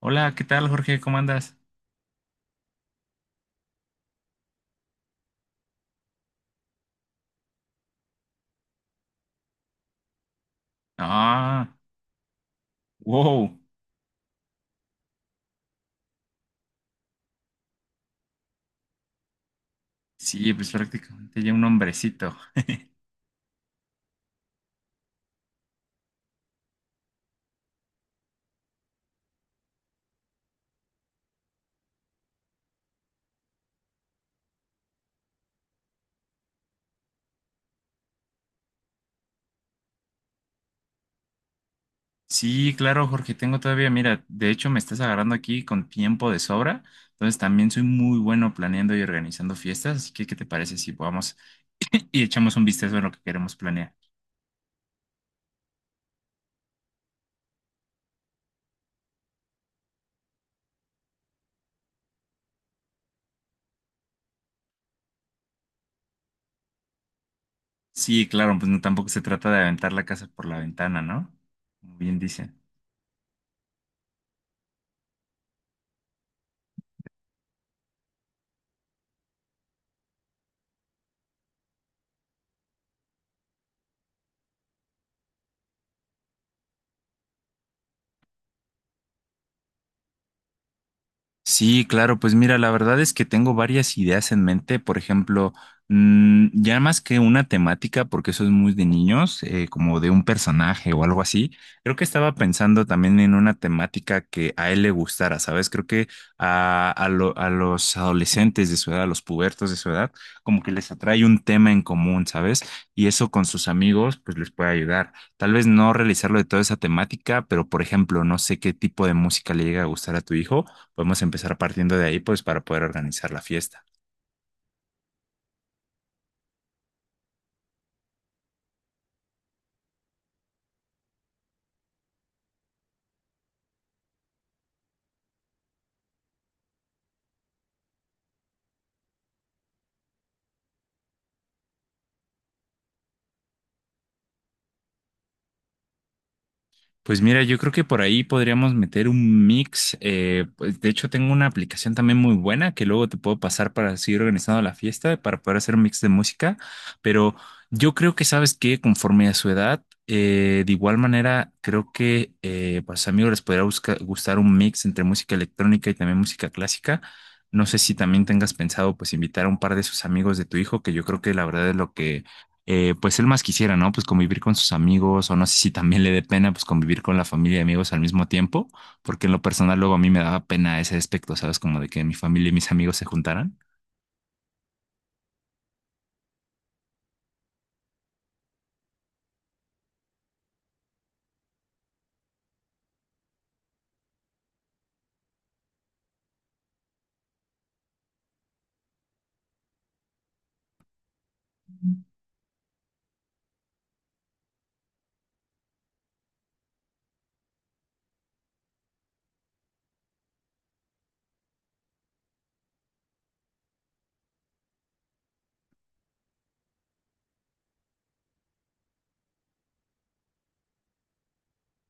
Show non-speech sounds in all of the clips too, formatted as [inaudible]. Hola, ¿qué tal, Jorge? ¿Cómo andas? Ah, wow. Sí, pues prácticamente ya un hombrecito. Sí, claro, Jorge, tengo todavía, mira, de hecho me estás agarrando aquí con tiempo de sobra, entonces también soy muy bueno planeando y organizando fiestas, así que ¿qué te parece si vamos [laughs] [clears throat] y echamos un vistazo a lo que queremos planear? Sí, claro, pues no tampoco se trata de aventar la casa por la ventana, ¿no? Como bien dice. Sí, claro, pues mira, la verdad es que tengo varias ideas en mente, por ejemplo, ya más que una temática, porque eso es muy de niños, como de un personaje o algo así, creo que estaba pensando también en una temática que a él le gustara, ¿sabes? Creo que a los adolescentes de su edad, a los pubertos de su edad, como que les atrae un tema en común, ¿sabes? Y eso con sus amigos, pues les puede ayudar. Tal vez no realizarlo de toda esa temática, pero por ejemplo, no sé qué tipo de música le llega a gustar a tu hijo. Podemos empezar partiendo de ahí, pues, para poder organizar la fiesta. Pues mira, yo creo que por ahí podríamos meter un mix. Pues, de hecho, tengo una aplicación también muy buena que luego te puedo pasar para seguir organizando la fiesta, para poder hacer un mix de música. Pero yo creo que sabes que conforme a su edad, de igual manera, creo que para sus amigos les podría gustar un mix entre música electrónica y también música clásica. No sé si también tengas pensado pues invitar a un par de sus amigos de tu hijo, que yo creo que la verdad es lo que pues él más quisiera, ¿no? Pues convivir con sus amigos, o no sé si también le dé pena, pues convivir con la familia y amigos al mismo tiempo, porque en lo personal luego a mí me daba pena ese aspecto, ¿sabes? Como de que mi familia y mis amigos se juntaran.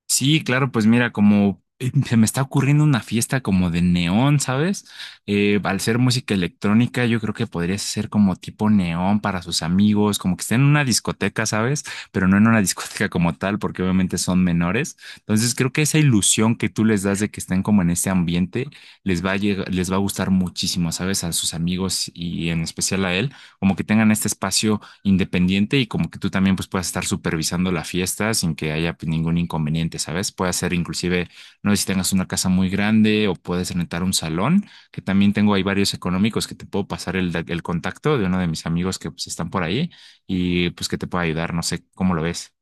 Sí, claro, pues mira, como se me está ocurriendo una fiesta como de neón, ¿sabes? Al ser música electrónica, yo creo que podrías hacer como tipo neón para sus amigos, como que estén en una discoteca, ¿sabes? Pero no en una [laughs] discoteca como tal, porque obviamente son menores. Entonces, creo que esa ilusión que tú les das de que estén como en ese ambiente les va a gustar muchísimo, ¿sabes? A sus amigos y en especial a él, como que tengan este espacio independiente y como que tú también pues puedas estar supervisando la fiesta sin que haya pues, ningún inconveniente, ¿sabes? Puede ser inclusive, no sé si tengas una casa muy grande o puedes rentar un salón, que también tengo ahí varios económicos que te puedo pasar el contacto de uno de mis amigos que pues están por ahí y pues que te pueda ayudar, no sé cómo lo ves.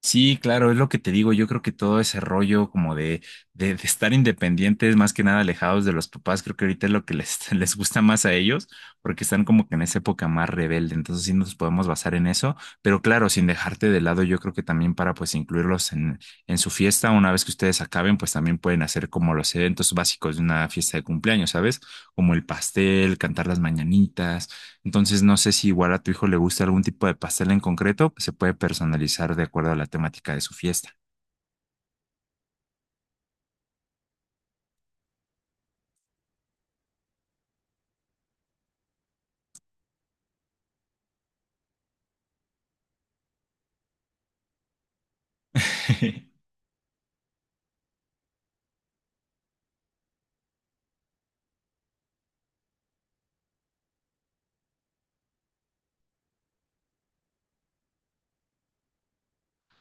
Sí, claro, es lo que te digo. Yo creo que todo ese rollo como de estar independientes, más que nada alejados de los papás, creo que ahorita es lo que les, [laughs] les gusta más a ellos, porque están como que en esa época más rebelde. Entonces sí nos podemos basar en eso, pero claro, sin dejarte de lado, yo creo que también para pues incluirlos en su fiesta, una vez que ustedes acaben, pues también pueden hacer como los eventos básicos de una fiesta de cumpleaños, ¿sabes? Como el pastel, cantar las mañanitas. Entonces, no sé si igual a tu hijo le gusta algún tipo de pastel en concreto, pues se puede personalizar de acuerdo a la temática de su fiesta. [laughs]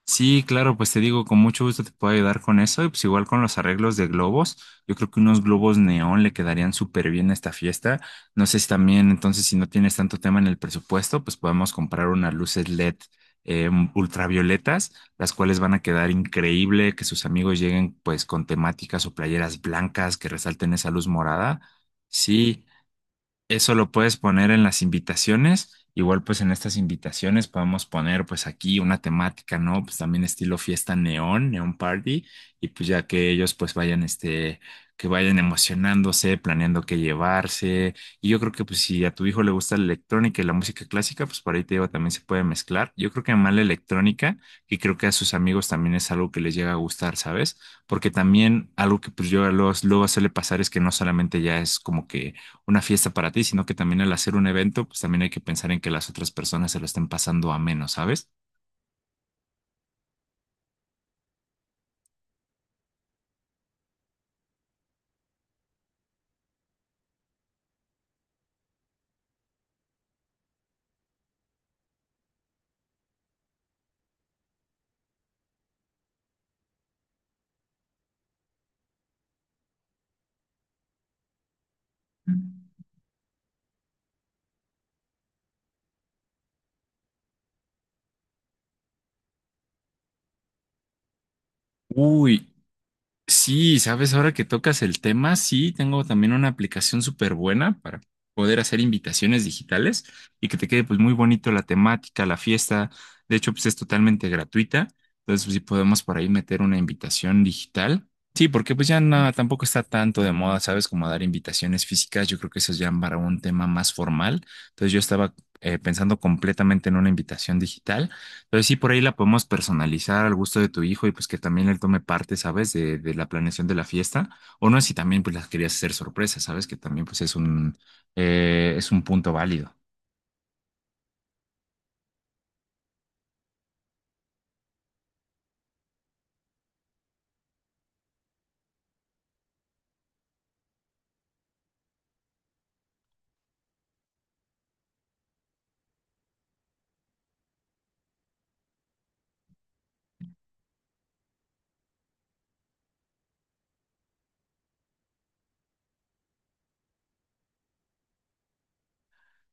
Sí, claro, pues te digo, con mucho gusto te puedo ayudar con eso. Y pues igual con los arreglos de globos, yo creo que unos globos neón le quedarían súper bien a esta fiesta. No sé si también, entonces, si no tienes tanto tema en el presupuesto, pues podemos comprar unas luces LED eh, ultravioletas, las cuales van a quedar increíble, que sus amigos lleguen pues con temáticas o playeras blancas que resalten esa luz morada. Sí. Eso lo puedes poner en las invitaciones. Igual pues en estas invitaciones podemos poner pues aquí una temática, ¿no? Pues también estilo fiesta neón, neón party. Y pues ya que ellos pues vayan este, que vayan emocionándose, planeando qué llevarse. Y yo creo que pues si a tu hijo le gusta la electrónica y la música clásica, pues por ahí te digo, también se puede mezclar. Yo creo que más la electrónica, y creo que a sus amigos también es algo que les llega a gustar, ¿sabes? Porque también algo que pues yo a los luego suele pasar es que no solamente ya es como que una fiesta para ti, sino que también al hacer un evento, pues también hay que pensar en que las otras personas se lo estén pasando a menos, ¿sabes? Uy, Sí, sabes, ahora que tocas el tema, sí, tengo también una aplicación súper buena para poder hacer invitaciones digitales y que te quede pues muy bonito la temática, la fiesta. De hecho, pues es totalmente gratuita. Entonces, pues, sí podemos por ahí meter una invitación digital. Sí, porque pues ya no, tampoco está tanto de moda, ¿sabes? Como dar invitaciones físicas. Yo creo que eso es ya para un tema más formal. Entonces, yo estaba pensando completamente en una invitación digital. Pero sí, por ahí la podemos personalizar al gusto de tu hijo y pues que también él tome parte, ¿sabes? De la planeación de la fiesta. O no, si también pues las querías hacer sorpresa, ¿sabes? Que también pues es un punto válido.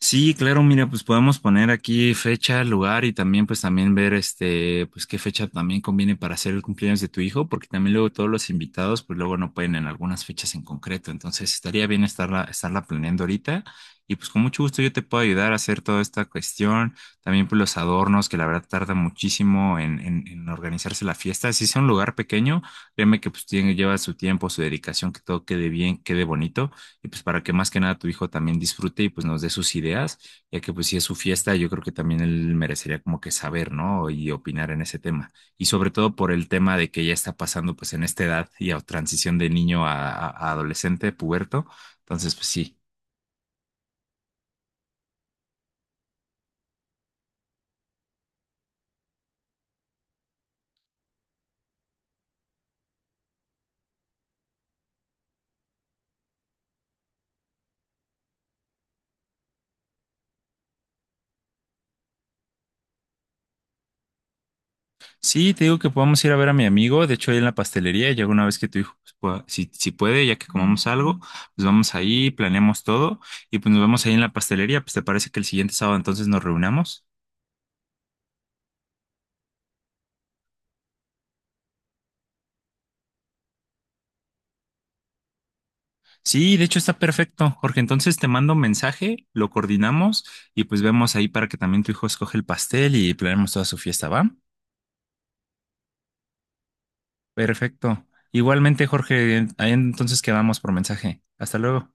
Sí, claro, mira, pues podemos poner aquí fecha, lugar y también pues también ver este, pues qué fecha también conviene para hacer el cumpleaños de tu hijo, porque también luego todos los invitados pues luego no pueden en algunas fechas en concreto, entonces estaría bien estarla planeando ahorita y pues con mucho gusto yo te puedo ayudar a hacer toda esta cuestión, también pues los adornos que la verdad tarda muchísimo en organizarse la fiesta, si es un lugar pequeño, créeme que pues tiene, lleva su tiempo, su dedicación, que todo quede bien, quede bonito y pues para que más que nada tu hijo también disfrute y pues nos dé sus ideas, ya que pues si es su fiesta, yo creo que también él merecería como que saber, ¿no? Y opinar en ese tema. Y sobre todo por el tema de que ya está pasando pues en esta edad y a transición de niño a adolescente, puberto. Entonces, pues sí. Sí, te digo que podamos ir a ver a mi amigo, de hecho ahí en la pastelería, ya alguna vez que tu hijo, pues, si, si puede, ya que comamos algo, pues vamos ahí, planeamos todo y pues nos vemos ahí en la pastelería, pues te parece que el siguiente sábado entonces nos reunamos. Sí, de hecho está perfecto, Jorge. Entonces te mando un mensaje, lo coordinamos y pues vemos ahí para que también tu hijo escoge el pastel y planeemos toda su fiesta, ¿va? Perfecto. Igualmente, Jorge, ahí entonces quedamos por mensaje. Hasta luego.